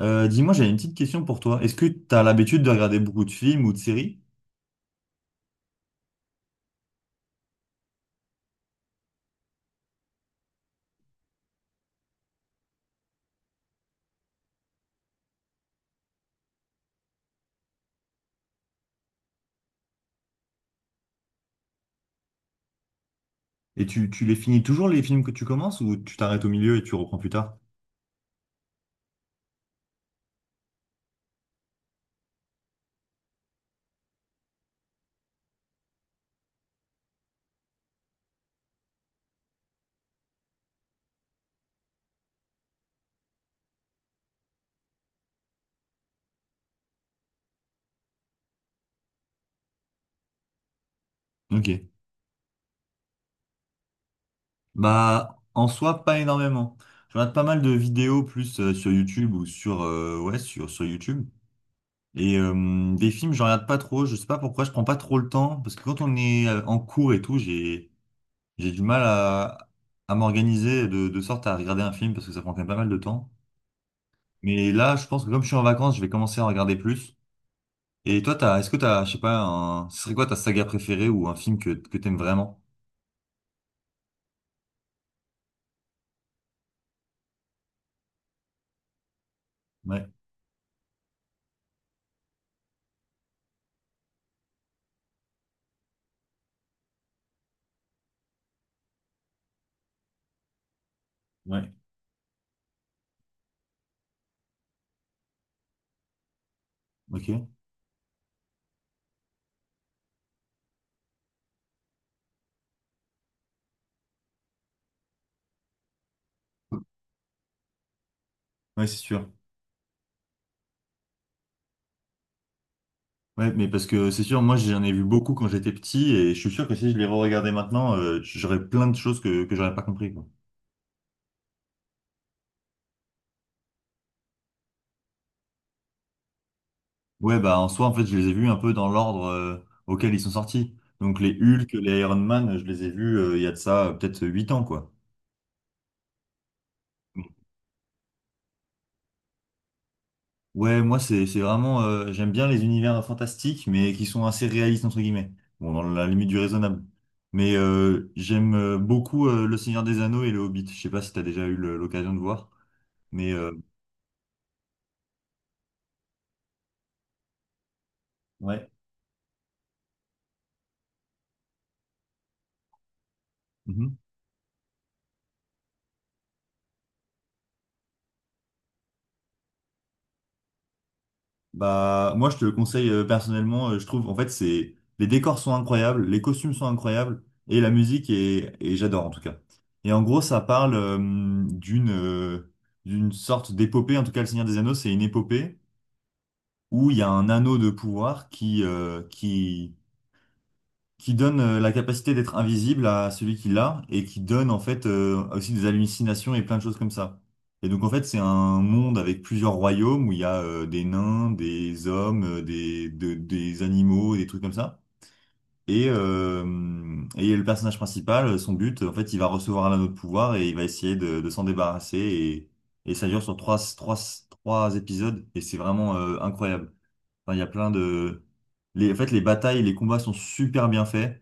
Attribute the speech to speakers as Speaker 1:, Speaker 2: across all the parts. Speaker 1: Dis-moi, j'ai une petite question pour toi. Est-ce que tu as l'habitude de regarder beaucoup de films ou de séries? Et tu les finis toujours les films que tu commences ou tu t'arrêtes au milieu et tu reprends plus tard? Ok. Bah, en soi, pas énormément. Je regarde pas mal de vidéos plus sur YouTube ou sur, ouais, sur YouTube. Et des films, je regarde pas trop. Je sais pas pourquoi, je prends pas trop le temps. Parce que quand on est en cours et tout, j'ai du mal à m'organiser de sorte à regarder un film parce que ça prend quand même pas mal de temps. Mais là, je pense que comme je suis en vacances, je vais commencer à en regarder plus. Et toi, est-ce que t'as, je sais pas, un, ce serait quoi ta saga préférée ou un film que t'aimes vraiment? Ouais, ouais, ok. Ouais, c'est sûr. Ouais, mais parce que c'est sûr, moi j'en ai vu beaucoup quand j'étais petit et je suis sûr que si je les re-regardais maintenant, j'aurais plein de choses que j'aurais pas compris, quoi. Ouais, bah en soi, en fait, je les ai vus un peu dans l'ordre auquel ils sont sortis. Donc les Hulk, les Iron Man, je les ai vus il y a de ça peut-être 8 ans, quoi. Ouais, moi c'est vraiment j'aime bien les univers fantastiques mais qui sont assez réalistes entre guillemets. Bon, dans la limite du raisonnable. Mais j'aime beaucoup Le Seigneur des Anneaux et Le Hobbit. Je sais pas si tu as déjà eu l'occasion de voir, mais ouais. Mhm. Bah moi je te le conseille personnellement, je trouve en fait c'est les décors sont incroyables, les costumes sont incroyables et la musique est et j'adore en tout cas. Et en gros, ça parle d'une sorte d'épopée, en tout cas Le Seigneur des Anneaux, c'est une épopée où il y a un anneau de pouvoir qui donne la capacité d'être invisible à celui qui l'a et qui donne en fait aussi des hallucinations et plein de choses comme ça. Et donc en fait c'est un monde avec plusieurs royaumes où il y a des nains, des hommes, des animaux, des trucs comme ça. Et, euh, et le personnage principal, son but, en fait, il va recevoir un anneau de pouvoir et il va essayer de s'en débarrasser. Et ça dure sur trois épisodes et c'est vraiment incroyable. Enfin, il y a plein de... Les, en fait, les batailles, les combats sont super bien faits.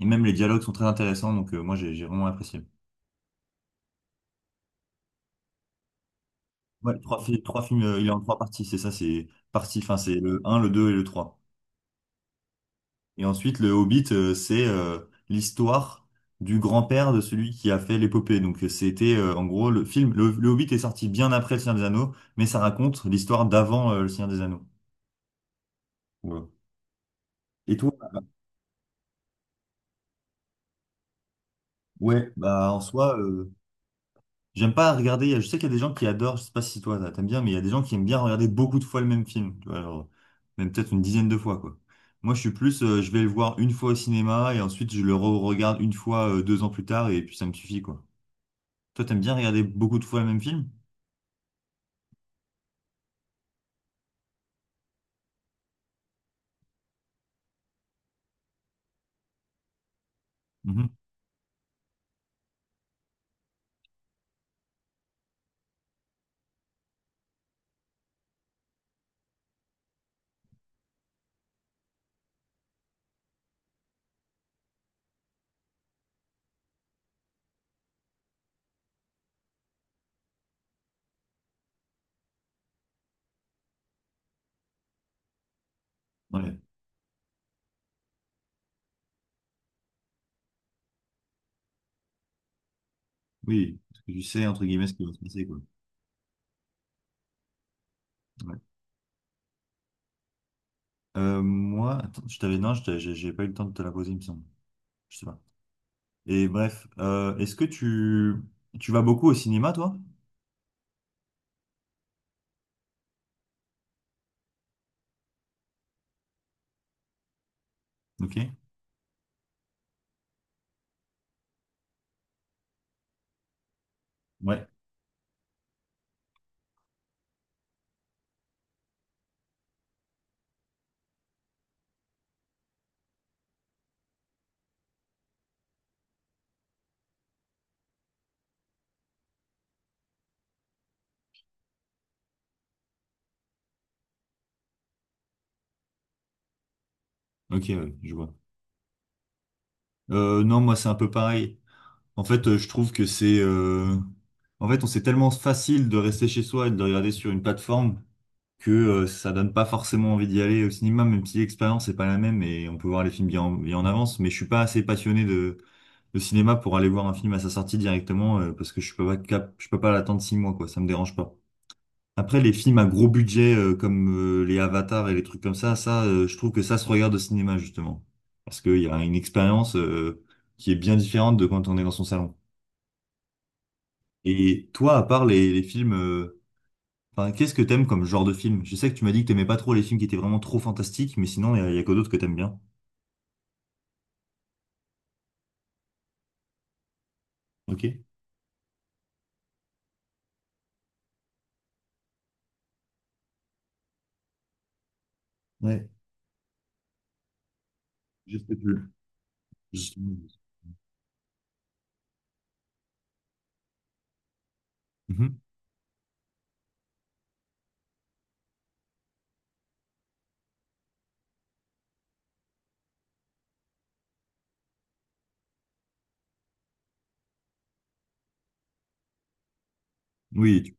Speaker 1: Et même les dialogues sont très intéressants. Donc, moi, j'ai vraiment apprécié. Ouais, trois films, il est en trois parties. C'est ça, c'est partie, enfin, c'est le un le 2 et le trois. Et ensuite, le Hobbit, c'est l'histoire du grand-père de celui qui a fait l'épopée. Donc, c'était, en gros, le film... le Hobbit est sorti bien après Le Seigneur des Anneaux, mais ça raconte l'histoire d'avant Le Seigneur des Anneaux. Ouais. Et toi? Bah, ouais, bah en soi, j'aime pas regarder, je sais qu'il y a des gens qui adorent, je sais pas si toi t'aimes bien, mais il y a des gens qui aiment bien regarder beaucoup de fois le même film, tu vois, genre, même peut-être une dizaine de fois, quoi. Moi, je suis plus, je vais le voir une fois au cinéma et ensuite je le re-regarde une fois, 2 ans plus tard et puis ça me suffit, quoi. Toi, t'aimes bien regarder beaucoup de fois le même film? Mhm. Ouais, oui, parce que tu sais, entre guillemets, ce qui va se passer, quoi. Ouais. Moi, attends, je t'avais, non, je t'ai- j'ai pas eu le temps de te la poser, il me semble. Je sais pas. Et bref, est-ce que tu vas beaucoup au cinéma, toi? Ok. Ouais. Ok, ouais, je vois. Non, moi c'est un peu pareil. En fait, je trouve que c'est... en fait, on c'est tellement facile de rester chez soi et de regarder sur une plateforme que ça donne pas forcément envie d'y aller au cinéma, même si l'expérience n'est pas la même et on peut voir les films bien en avance. Mais je suis pas assez passionné de cinéma pour aller voir un film à sa sortie directement parce que je peux pas cap... je peux pas l'attendre 6 mois, quoi. Ça me dérange pas. Après, les films à gros budget comme les Avatars et les trucs comme ça, je trouve que ça se regarde au cinéma justement, parce qu'il y a une expérience qui est bien différente de quand on est dans son salon. Et toi, à part les films, enfin, qu'est-ce que t'aimes comme genre de film? Je sais que tu m'as dit que t'aimais pas trop les films qui étaient vraiment trop fantastiques, mais sinon, il y, a y a que d'autres que t'aimes bien. Ok. Ouais. Je sais plus. Je- Mhm. Oui. Tu-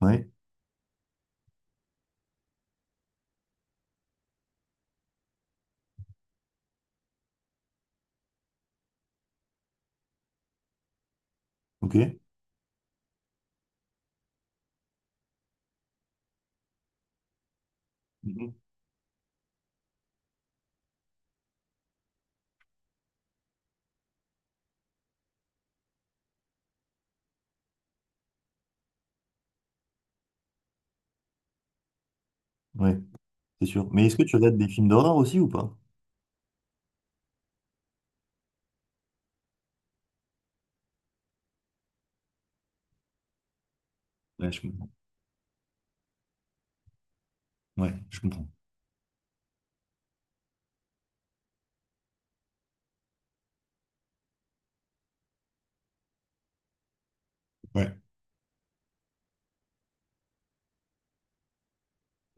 Speaker 1: Ouais. Ok. Mhm. Ouais, c'est sûr. Mais est-ce que tu regardes des films d'horreur aussi ou pas? Ouais, je comprends. Ouais, je comprends. Ouais.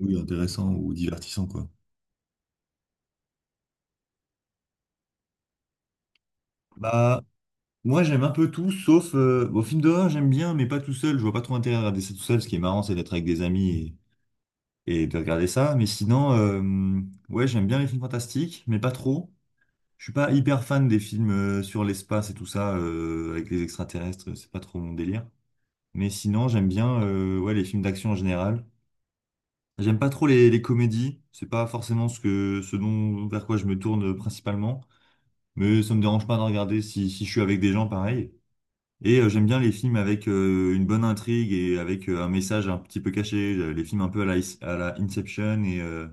Speaker 1: Oui, intéressant ou divertissant, quoi. Bah, moi j'aime un peu tout, sauf bon, film d'horreur j'aime bien, mais pas tout seul. Je vois pas trop intérêt à regarder ça tout seul. Ce qui est marrant, c'est d'être avec des amis et de regarder ça. Mais sinon, ouais, j'aime bien les films fantastiques, mais pas trop. Je suis pas hyper fan des films sur l'espace et tout ça avec les extraterrestres. C'est pas trop mon délire. Mais sinon, j'aime bien ouais les films d'action en général. J'aime pas trop les comédies. C'est pas forcément ce que ce dont vers quoi je me tourne principalement. Mais ça me dérange pas de regarder si je suis avec des gens pareil. Et j'aime bien les films avec une bonne intrigue et avec un message un petit peu caché, les films un peu à la Inception et, euh,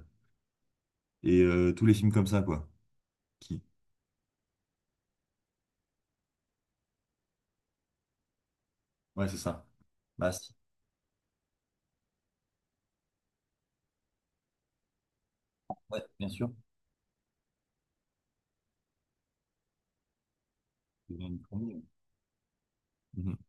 Speaker 1: et euh, tous les films comme ça, quoi. Qui... Ouais, c'est ça. Bah, si. Ouais, bien sûr. C'est une fourmi, ouais. Mhm.